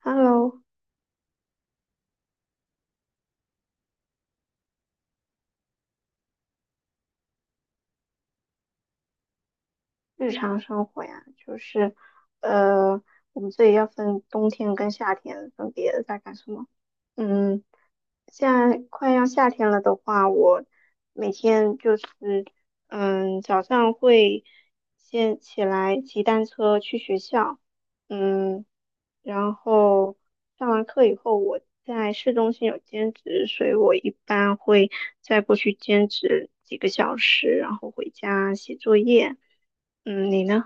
Hello，日常生活呀，就是呃，我们这里要分冬天跟夏天分别在干什么。嗯，现在快要夏天了的话，我每天就是早上会先起来骑单车去学校，嗯，然后上完课以后，我在市中心有兼职，所以我一般会再过去兼职几个小时，然后回家写作业。嗯，你呢？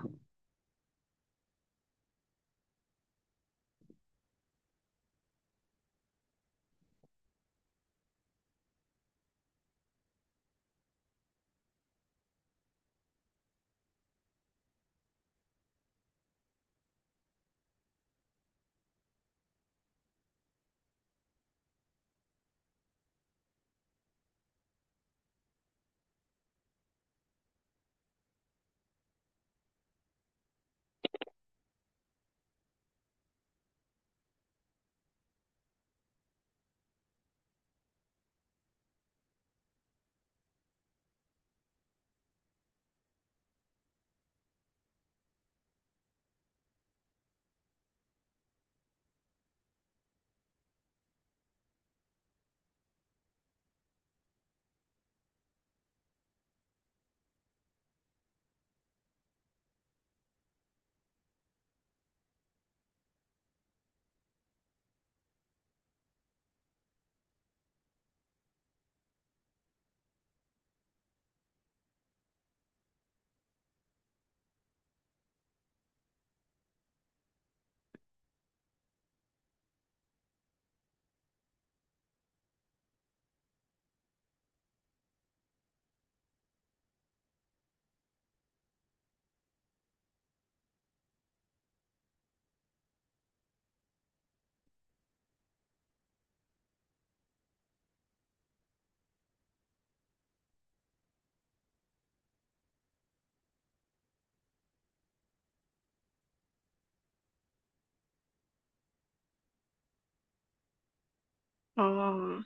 哦，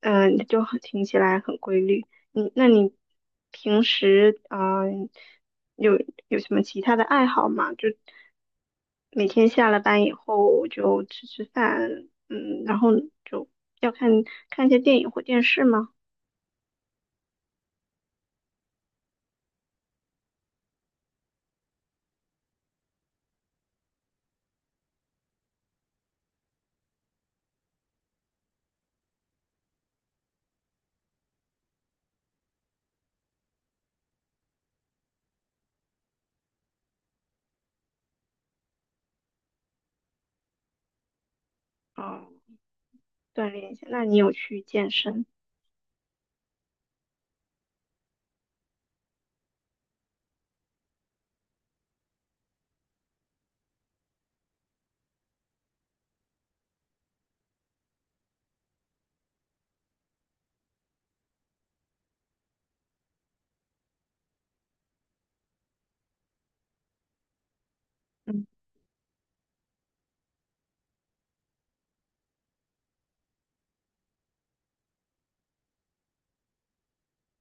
嗯，就很听起来很规律。那你平时啊，有有什么其他的爱好吗？就每天下了班以后就吃吃饭，嗯，然后就要看看一些电影或电视吗？哦，锻炼一下。那你有去健身？嗯。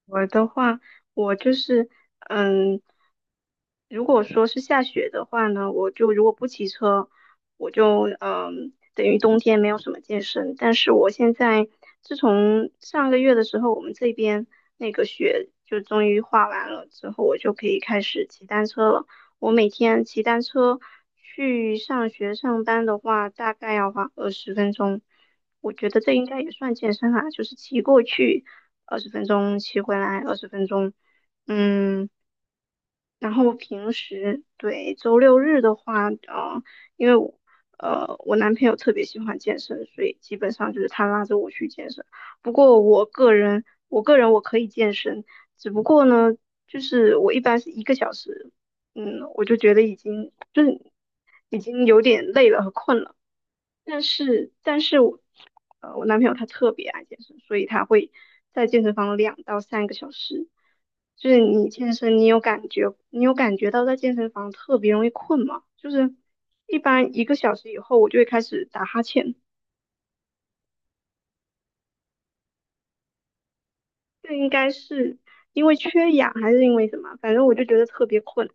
我的话，我就是，嗯，如果说是下雪的话呢，我就如果不骑车，我就嗯，等于冬天没有什么健身。但是我现在自从上个月的时候，我们这边那个雪就终于化完了之后，我就可以开始骑单车了。我每天骑单车去上学上班的话，大概要花二十分钟。我觉得这应该也算健身啊，就是骑过去二十分钟，骑回来二十分钟，嗯，然后平时对周六日的话，呃，因为我男朋友特别喜欢健身，所以基本上就是他拉着我去健身。不过我个人我可以健身，只不过呢，就是我一般是一个小时，嗯，我就觉得已经就是已经有点累了和困了。但是我，呃，我男朋友他特别爱健身，所以他会在健身房2到3个小时。就是你健身，你有感觉到在健身房特别容易困吗？就是一般一个小时以后，我就会开始打哈欠，这应该是因为缺氧还是因为什么？反正我就觉得特别困。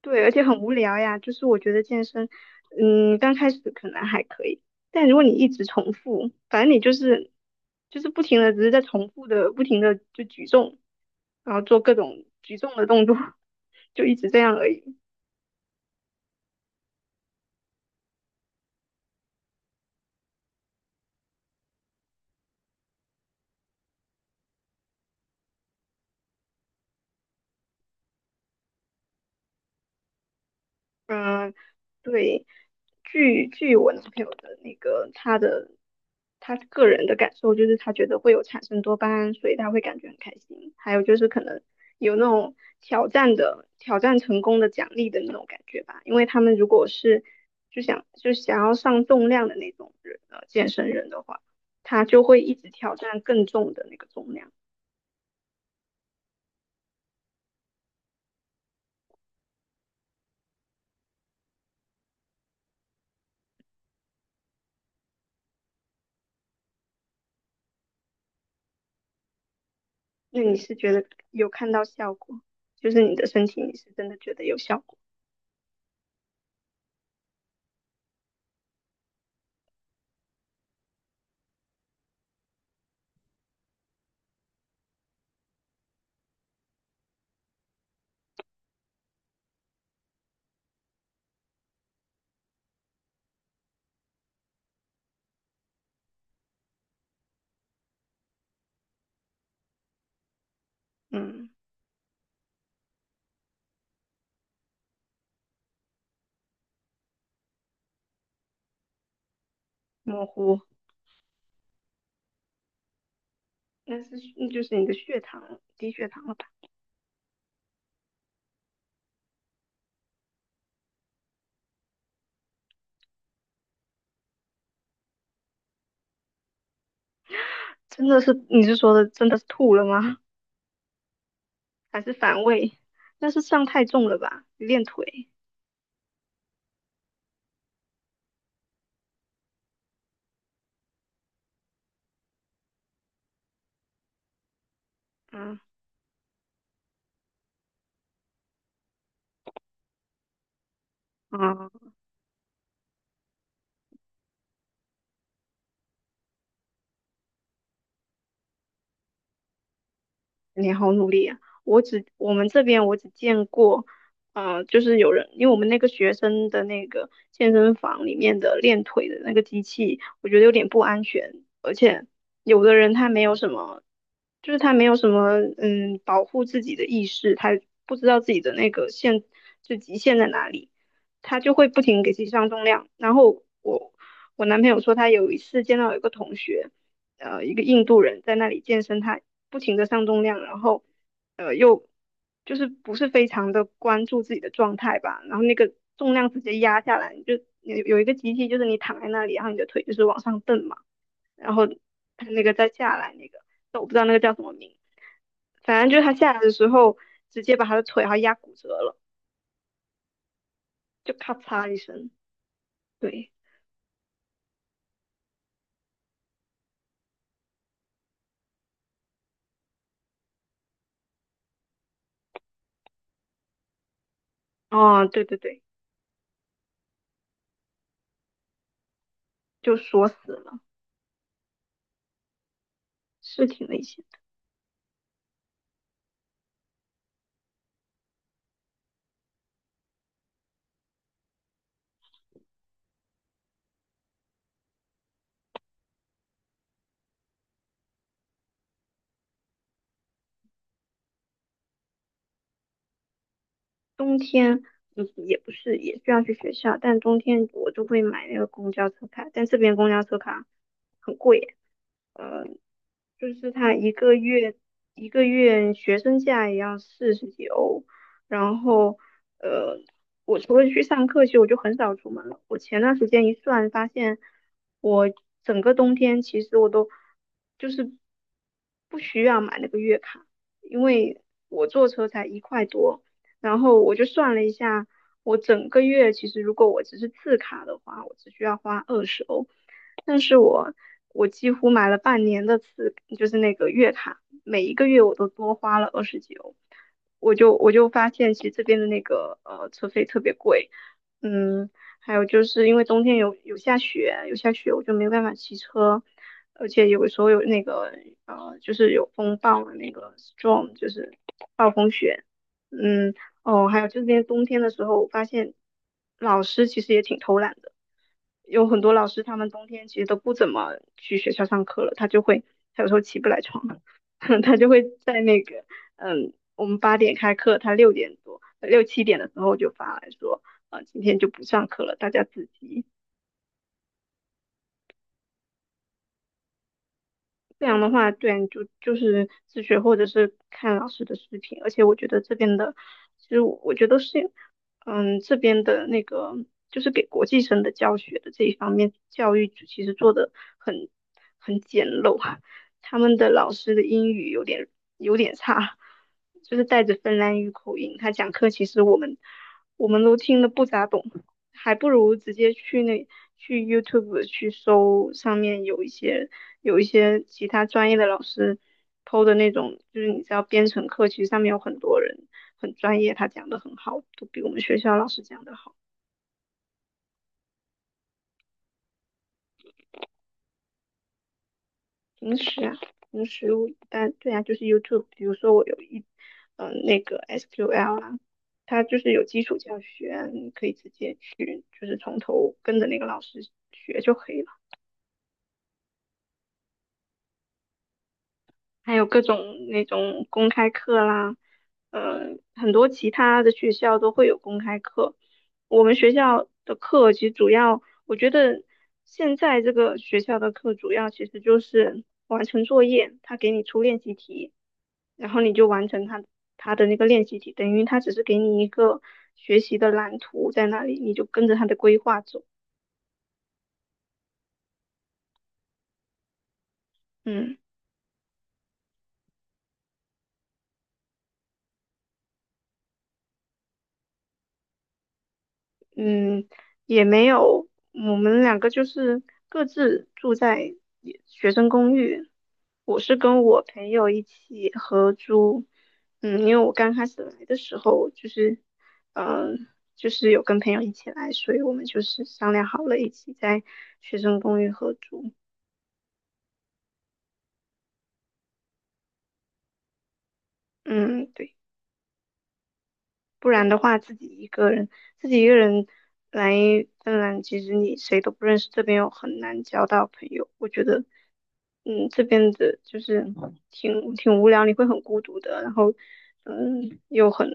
对，而且很无聊呀。就是我觉得健身，嗯，刚开始可能还可以，但如果你一直重复，反正你就是不停的，只是在重复的，不停的就举重，然后做各种举重的动作，就一直这样而已。嗯，对，据我男朋友的那个他的他个人的感受，就是他觉得会有产生多巴胺，所以他会感觉很开心。还有就是可能有那种挑战的挑战成功的奖励的那种感觉吧，因为他们如果是就想要上重量的那种人健身人的话，他就会一直挑战更重的那个重量。那你是觉得有看到效果，就是你的身体你是真的觉得有效果？嗯，模糊。那是那就是你的血糖低血糖了吧？真的是你是说的真的是吐了吗？还是反胃？那是上太重了吧？练腿？嗯啊。你好努力啊！我们这边我只见过，呃，就是有人，因为我们那个学生的那个健身房里面的练腿的那个机器，我觉得有点不安全，而且有的人他没有什么，就是他没有什么嗯保护自己的意识，他不知道自己的那个就极限在哪里，他就会不停给自己上重量。然后我男朋友说他有一次见到有一个同学。呃一个印度人在那里健身，他不停的上重量，然后呃又就是不是非常的关注自己的状态吧，然后那个重量直接压下来，你就有一个机器就是你躺在那里，然后你的腿就是往上蹬嘛，然后他那个再下来那个，但我不知道那个叫什么名，反正就是他下来的时候直接把他的腿然后压骨折了，就咔嚓一声，对，哦对对对，就锁死了，是挺危险冬天，嗯，也不是，也需要去学校，但冬天我就会买那个公交车卡，但这边公交车卡很贵，呃，就是它一个月一个月学生价也要40几欧，然后呃，我除了去上课，其实我就很少出门了。我前段时间一算，发现我整个冬天其实我都就是不需要买那个月卡，因为我坐车才一块多。然后我就算了一下，我整个月其实如果我只是次卡的话，我只需要花20欧，但是我几乎买了半年的次，就是那个月卡，每一个月我都多花了20几欧，我就发现其实这边的那个车费特别贵，嗯，还有就是因为冬天有下雪，有下雪我就没办法骑车。而且有时候有那个呃，就是有风暴的那个 storm,就是暴风雪，嗯，哦，还有这边冬天的时候，我发现老师其实也挺偷懒的，有很多老师他们冬天其实都不怎么去学校上课了，他就会他有时候起不来床，他就会在那个，嗯，我们8点开课，他6点多6、7点的时候就发来说，呃，今天就不上课了，大家自习。这样的话，对，你就就是自学或者是看老师的视频，而且我觉得这边的，其实我觉得是，嗯，这边的那个就是给国际生的教学的这一方面，教育组其实做的很很简陋啊，他们的老师的英语有点差，就是带着芬兰语口音，他讲课其实我们都听得不咋懂，还不如直接去 YouTube 去搜上面有一些。有一些其他专业的老师抛的那种，就是你知道编程课，其实上面有很多人很专业，他讲的很好，都比我们学校老师讲的好。平时啊，平时我一般对啊，就是 YouTube,比如说我有一嗯、呃那个 SQL 啊，它就是有基础教学，你可以直接去就是从头跟着那个老师学就可以了。还有各种那种公开课啦，呃，很多其他的学校都会有公开课。我们学校的课其实主要，我觉得现在这个学校的课主要其实就是完成作业，他给你出练习题，然后你就完成他的那个练习题，等于他只是给你一个学习的蓝图在那里，你就跟着他的规划走。嗯。嗯，也没有，我们两个就是各自住在也学生公寓。我是跟我朋友一起合租，嗯，因为我刚开始来的时候就是，嗯、就是有跟朋友一起来，所以我们就是商量好了，一起在学生公寓合租。嗯，对。不然的话，自己一个人，自己一个人来芬兰，其实你谁都不认识，这边又很难交到朋友。我觉得，嗯，这边的就是挺无聊，你会很孤独的，然后，嗯，又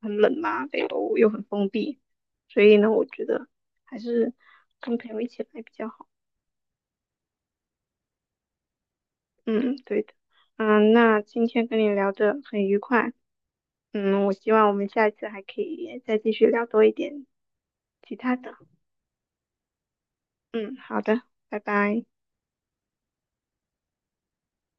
很冷嘛，北欧又很封闭，所以呢，我觉得还是跟朋友一起来比较好。嗯，对的。嗯，那今天跟你聊的很愉快，嗯，我希望我们下一次还可以再继续聊多一点其他的。嗯，好的，拜拜。